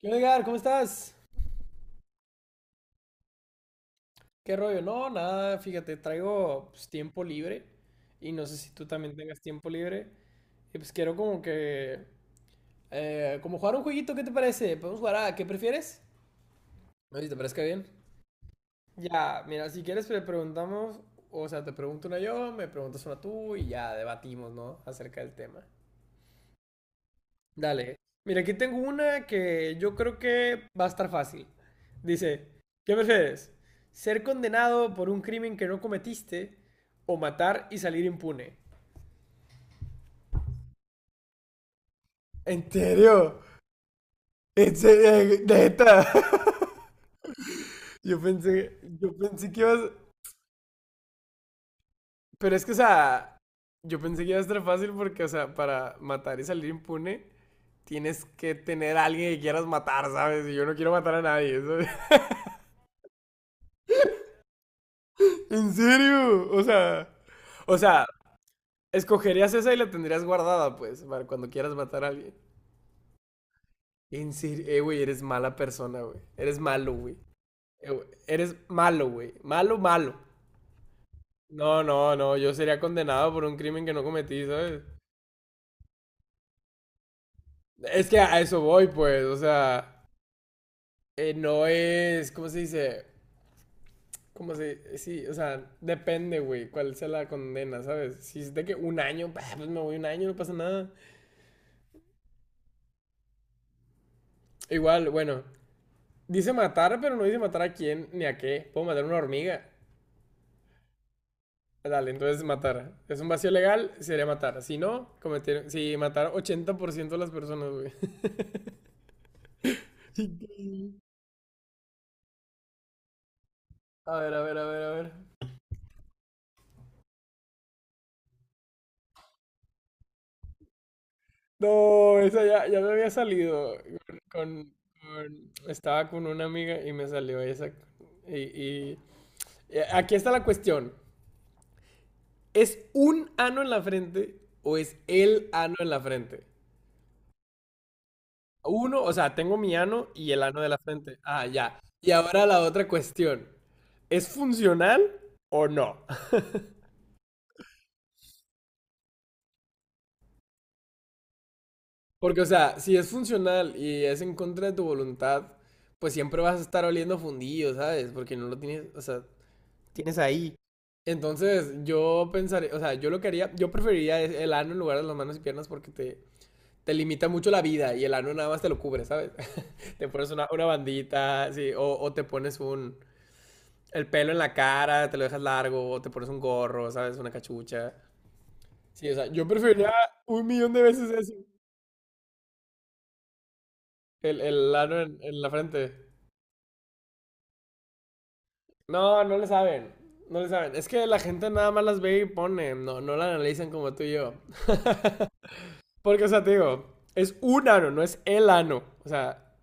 ¿Qué onda, Edgar? ¿Cómo estás? ¿Qué rollo? No, nada, fíjate, traigo pues, tiempo libre y no sé si tú también tengas tiempo libre. Y pues quiero como que... como jugar un jueguito, ¿qué te parece? ¿Podemos jugar a qué prefieres? No sé si te parezca bien. Ya, mira, si quieres le preguntamos, o sea, te pregunto una yo, me preguntas una tú y ya debatimos, ¿no? Acerca del tema. Dale. Mira, aquí tengo una que yo creo que va a estar fácil. Dice, ¿qué prefieres? ¿Ser condenado por un crimen que no cometiste o matar y salir impune? ¿En serio? ¿En serio? ¿Neta? Yo pensé que ibas... Pero es que, o sea, yo pensé que iba a estar fácil porque, o sea, para matar y salir impune, tienes que tener a alguien que quieras matar, ¿sabes? Y yo no quiero matar a nadie, ¿sabes? ¿En serio? O sea, escogerías esa y la tendrías guardada, pues, para cuando quieras matar a alguien. En serio, güey, eres mala persona, güey. Eres malo, güey. Güey, eres malo, güey. Malo, malo. No, no, no, yo sería condenado por un crimen que no cometí, ¿sabes? Es que a eso voy, pues, o sea, no es, ¿cómo se dice? ¿Cómo se Sí, o sea, depende, güey, cuál sea la condena, ¿sabes? Si es de que un año, pues me voy un año, no pasa nada. Igual, bueno, dice matar, pero no dice matar a quién ni a qué. Puedo matar a una hormiga. Dale, entonces matar. Es un vacío legal, sería matar. Si no, cometer. Si matar 80% de las personas, güey. Sí. A ver, a ver, a ver, a ver. No, esa ya, ya me había salido. Con, estaba con una amiga y me salió esa. Y, y- y aquí está la cuestión. ¿Es un ano en la frente o es el ano en la frente? Uno, o sea, tengo mi ano y el ano de la frente. Ah, ya. Y ahora la otra cuestión. ¿Es funcional o no? Porque, o sea, si es funcional y es en contra de tu voluntad, pues siempre vas a estar oliendo fundido, ¿sabes? Porque no lo tienes, o sea, tienes ahí. Entonces yo pensaría, o sea, yo lo que haría, yo preferiría es el ano en lugar de las manos y piernas porque te limita mucho la vida y el ano nada más te lo cubre, ¿sabes? Te pones una bandita, sí, o te pones un, el pelo en la cara, te lo dejas largo, o te pones un gorro, ¿sabes? Una cachucha. Sí, o sea, yo preferiría un millón de veces eso, el ano en la frente. No, no le saben. No le saben. Es que la gente nada más las ve y pone. No, no la analizan como tú y yo. Porque, o sea, te digo, es un ano, no es el ano. O sea,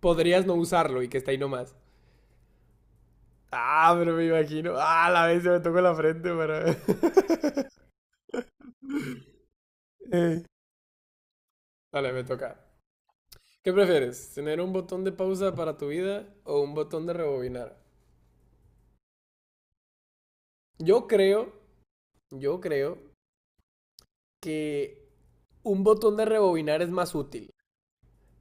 podrías no usarlo y que está ahí nomás. Ah, pero me imagino. Ah, la vez se me tocó la frente, pero. Vale, me toca. ¿Qué prefieres? ¿Tener un botón de pausa para tu vida o un botón de rebobinar? Yo creo, yo creo que un botón de rebobinar es más útil.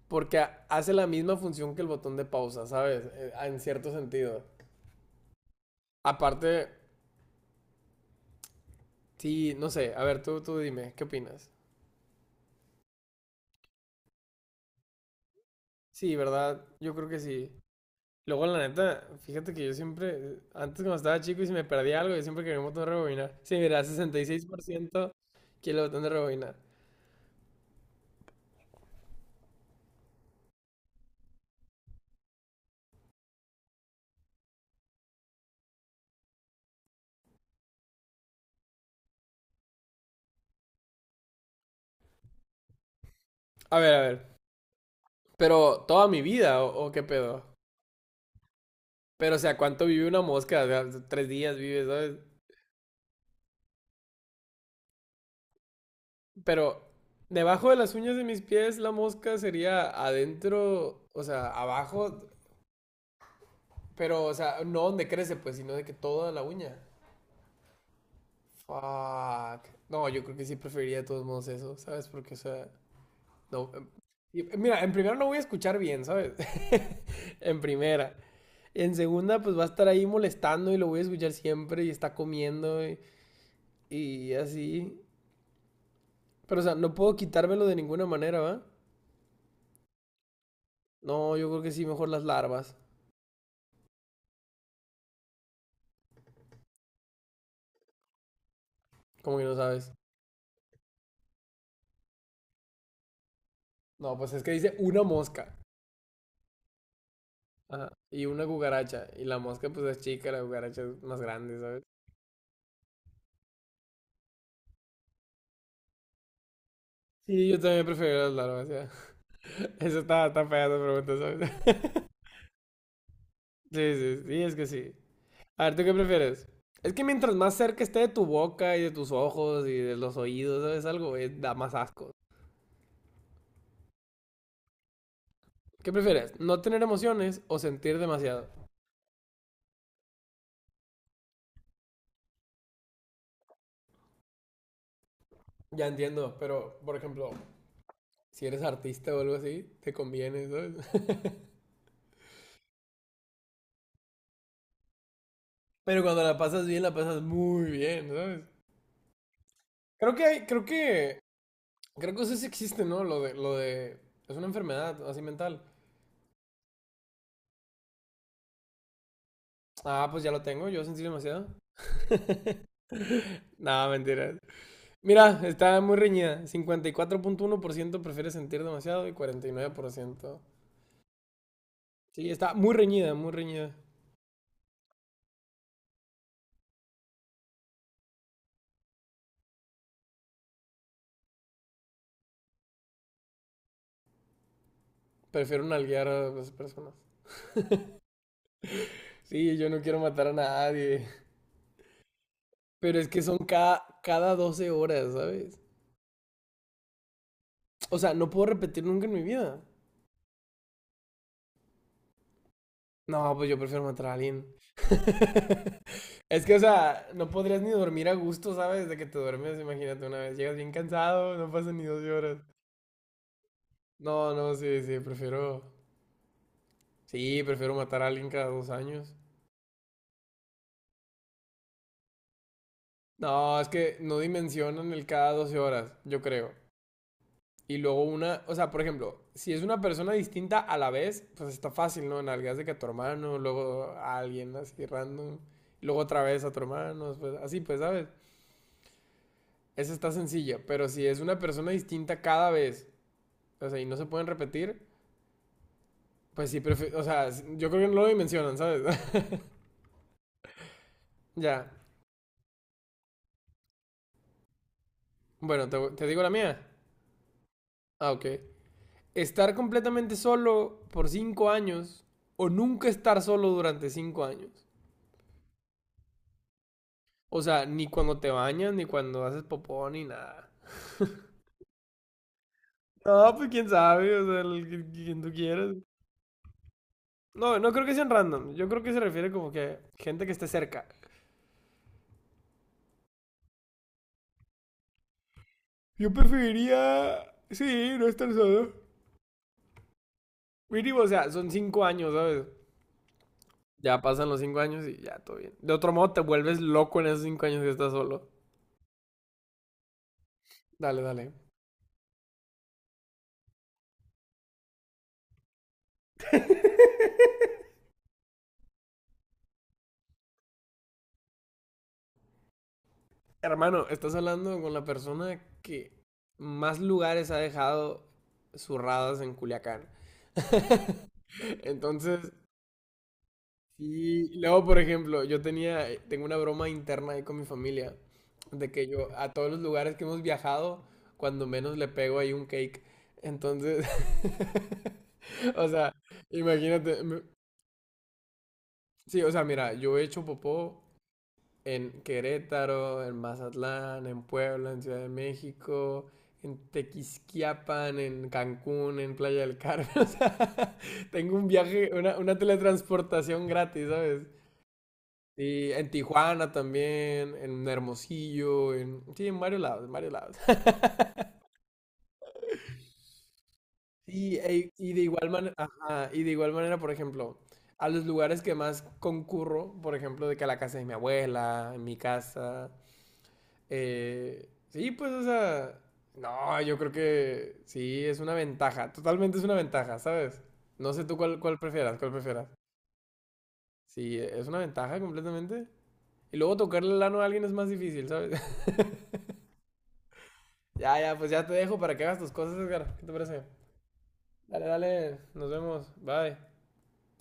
Porque hace la misma función que el botón de pausa, ¿sabes? En cierto sentido. Aparte, sí, no sé. A ver, tú dime, ¿qué opinas? Sí, ¿verdad? Yo creo que sí. Luego, la neta, fíjate que yo siempre, antes cuando estaba chico y si me perdía algo, yo siempre quería un botón de rebobinar. Sí, mira, 66% quiere el botón de rebobinar. A ver, a ver. Pero toda mi vida, o qué pedo? Pero, o sea, ¿cuánto vive una mosca? O sea, 3 días vive, ¿sabes? Pero debajo de las uñas de mis pies la mosca sería adentro, o sea, abajo, pero, o sea, no donde crece, pues, sino de que toda la uña. Fuck. No, yo creo que sí preferiría de todos modos eso, ¿sabes? Porque, o sea, no. Mira, en primera no voy a escuchar bien, ¿sabes? En primera. En segunda, pues va a estar ahí molestando y lo voy a escuchar siempre y está comiendo y así. Pero, o sea, no puedo quitármelo de ninguna manera, ¿va? No, yo creo que sí, mejor las larvas. Como que no sabes. No, pues es que dice una mosca. Ajá. Y una cucaracha. Y la mosca pues es chica, la cucaracha es más grande, ¿sabes? Sí, yo también prefiero las larvas, ya. Eso está, está fea esa pregunta, ¿sabes? Sí, sí, sí, es que sí. A ver, ¿tú qué prefieres? Es que mientras más cerca esté de tu boca y de tus ojos y de los oídos, ¿sabes? Algo da más asco. ¿Qué prefieres? ¿No tener emociones o sentir demasiado? Ya entiendo, pero por ejemplo, si eres artista o algo así, te conviene, ¿sabes? Pero cuando la pasas bien, la pasas muy bien, ¿sabes? Creo que hay, creo que eso sí existe, ¿no? Es una enfermedad así mental. Ah, pues ya lo tengo, yo sentí demasiado. No, mentira. Mira, está muy reñida. 54.1% prefiere sentir demasiado y 49% sí, está muy reñida, muy reñida. Prefiero nalguear a las personas. Sí, yo no quiero matar a nadie. Pero es que son cada 12 horas, ¿sabes? O sea, no puedo repetir nunca en mi vida. No, pues yo prefiero matar a alguien. Es que, o sea, no podrías ni dormir a gusto, ¿sabes? De que te duermes, imagínate una vez. Llegas bien cansado, no pasan ni 12 horas. No, no, sí, sí, prefiero. Sí, prefiero matar a alguien cada 2 años. No, es que no dimensionan el cada 12 horas, yo creo. Y luego una, o sea, por ejemplo, si es una persona distinta a la vez, pues está fácil, ¿no? Nalgas de que a tu hermano, luego a alguien así random, luego otra vez a tu hermano, pues así, pues, ¿sabes? Esa está sencilla, pero si es una persona distinta cada vez, o sea, y no se pueden repetir, pues sí, prefiero, o sea, yo creo que no lo dimensionan, ¿sabes? Ya. Bueno, te digo la mía. Ah, ok. Estar completamente solo por 5 años o nunca estar solo durante 5 años. O sea, ni cuando te bañas, ni cuando haces popó, ni nada. No, pues quién sabe, o sea, quien tú quieras. No, no creo que sean random. Yo creo que se refiere como que gente que esté cerca. Yo preferiría, sí, no estar solo. Mínimo, o sea, son 5 años, ¿sabes? Ya pasan los 5 años y ya todo bien. De otro modo, te vuelves loco en esos 5 años que estás solo. Dale, dale. Hermano, estás hablando con la persona que más lugares ha dejado zurradas en Culiacán. Entonces, sí, y luego, por ejemplo, yo tenía, tengo una broma interna ahí con mi familia, de que yo a todos los lugares que hemos viajado, cuando menos le pego ahí un cake. Entonces, o sea, imagínate, sí, o sea, mira, yo he hecho popó en Querétaro, en Mazatlán, en Puebla, en Ciudad de México, en Tequisquiapan, en Cancún, en Playa del Carmen, o sea, tengo un viaje, una teletransportación gratis, ¿sabes? Sí, en Tijuana también, en Hermosillo, en... Sí, en varios lados, en varios lados. Sí, y de igual manera, por ejemplo, a los lugares que más concurro, por ejemplo, de que a la casa de mi abuela, en mi casa, sí, pues, o sea, no, yo creo que sí, es una ventaja, totalmente es una ventaja, ¿sabes? No sé tú cuál prefieras, cuál prefieras. Sí, es una ventaja completamente. Y luego tocarle el ano a alguien es más difícil, ¿sabes? Ya, ya, pues ya te dejo para que hagas tus cosas, Edgar. ¿Qué te parece? Dale, dale. Nos vemos. Bye.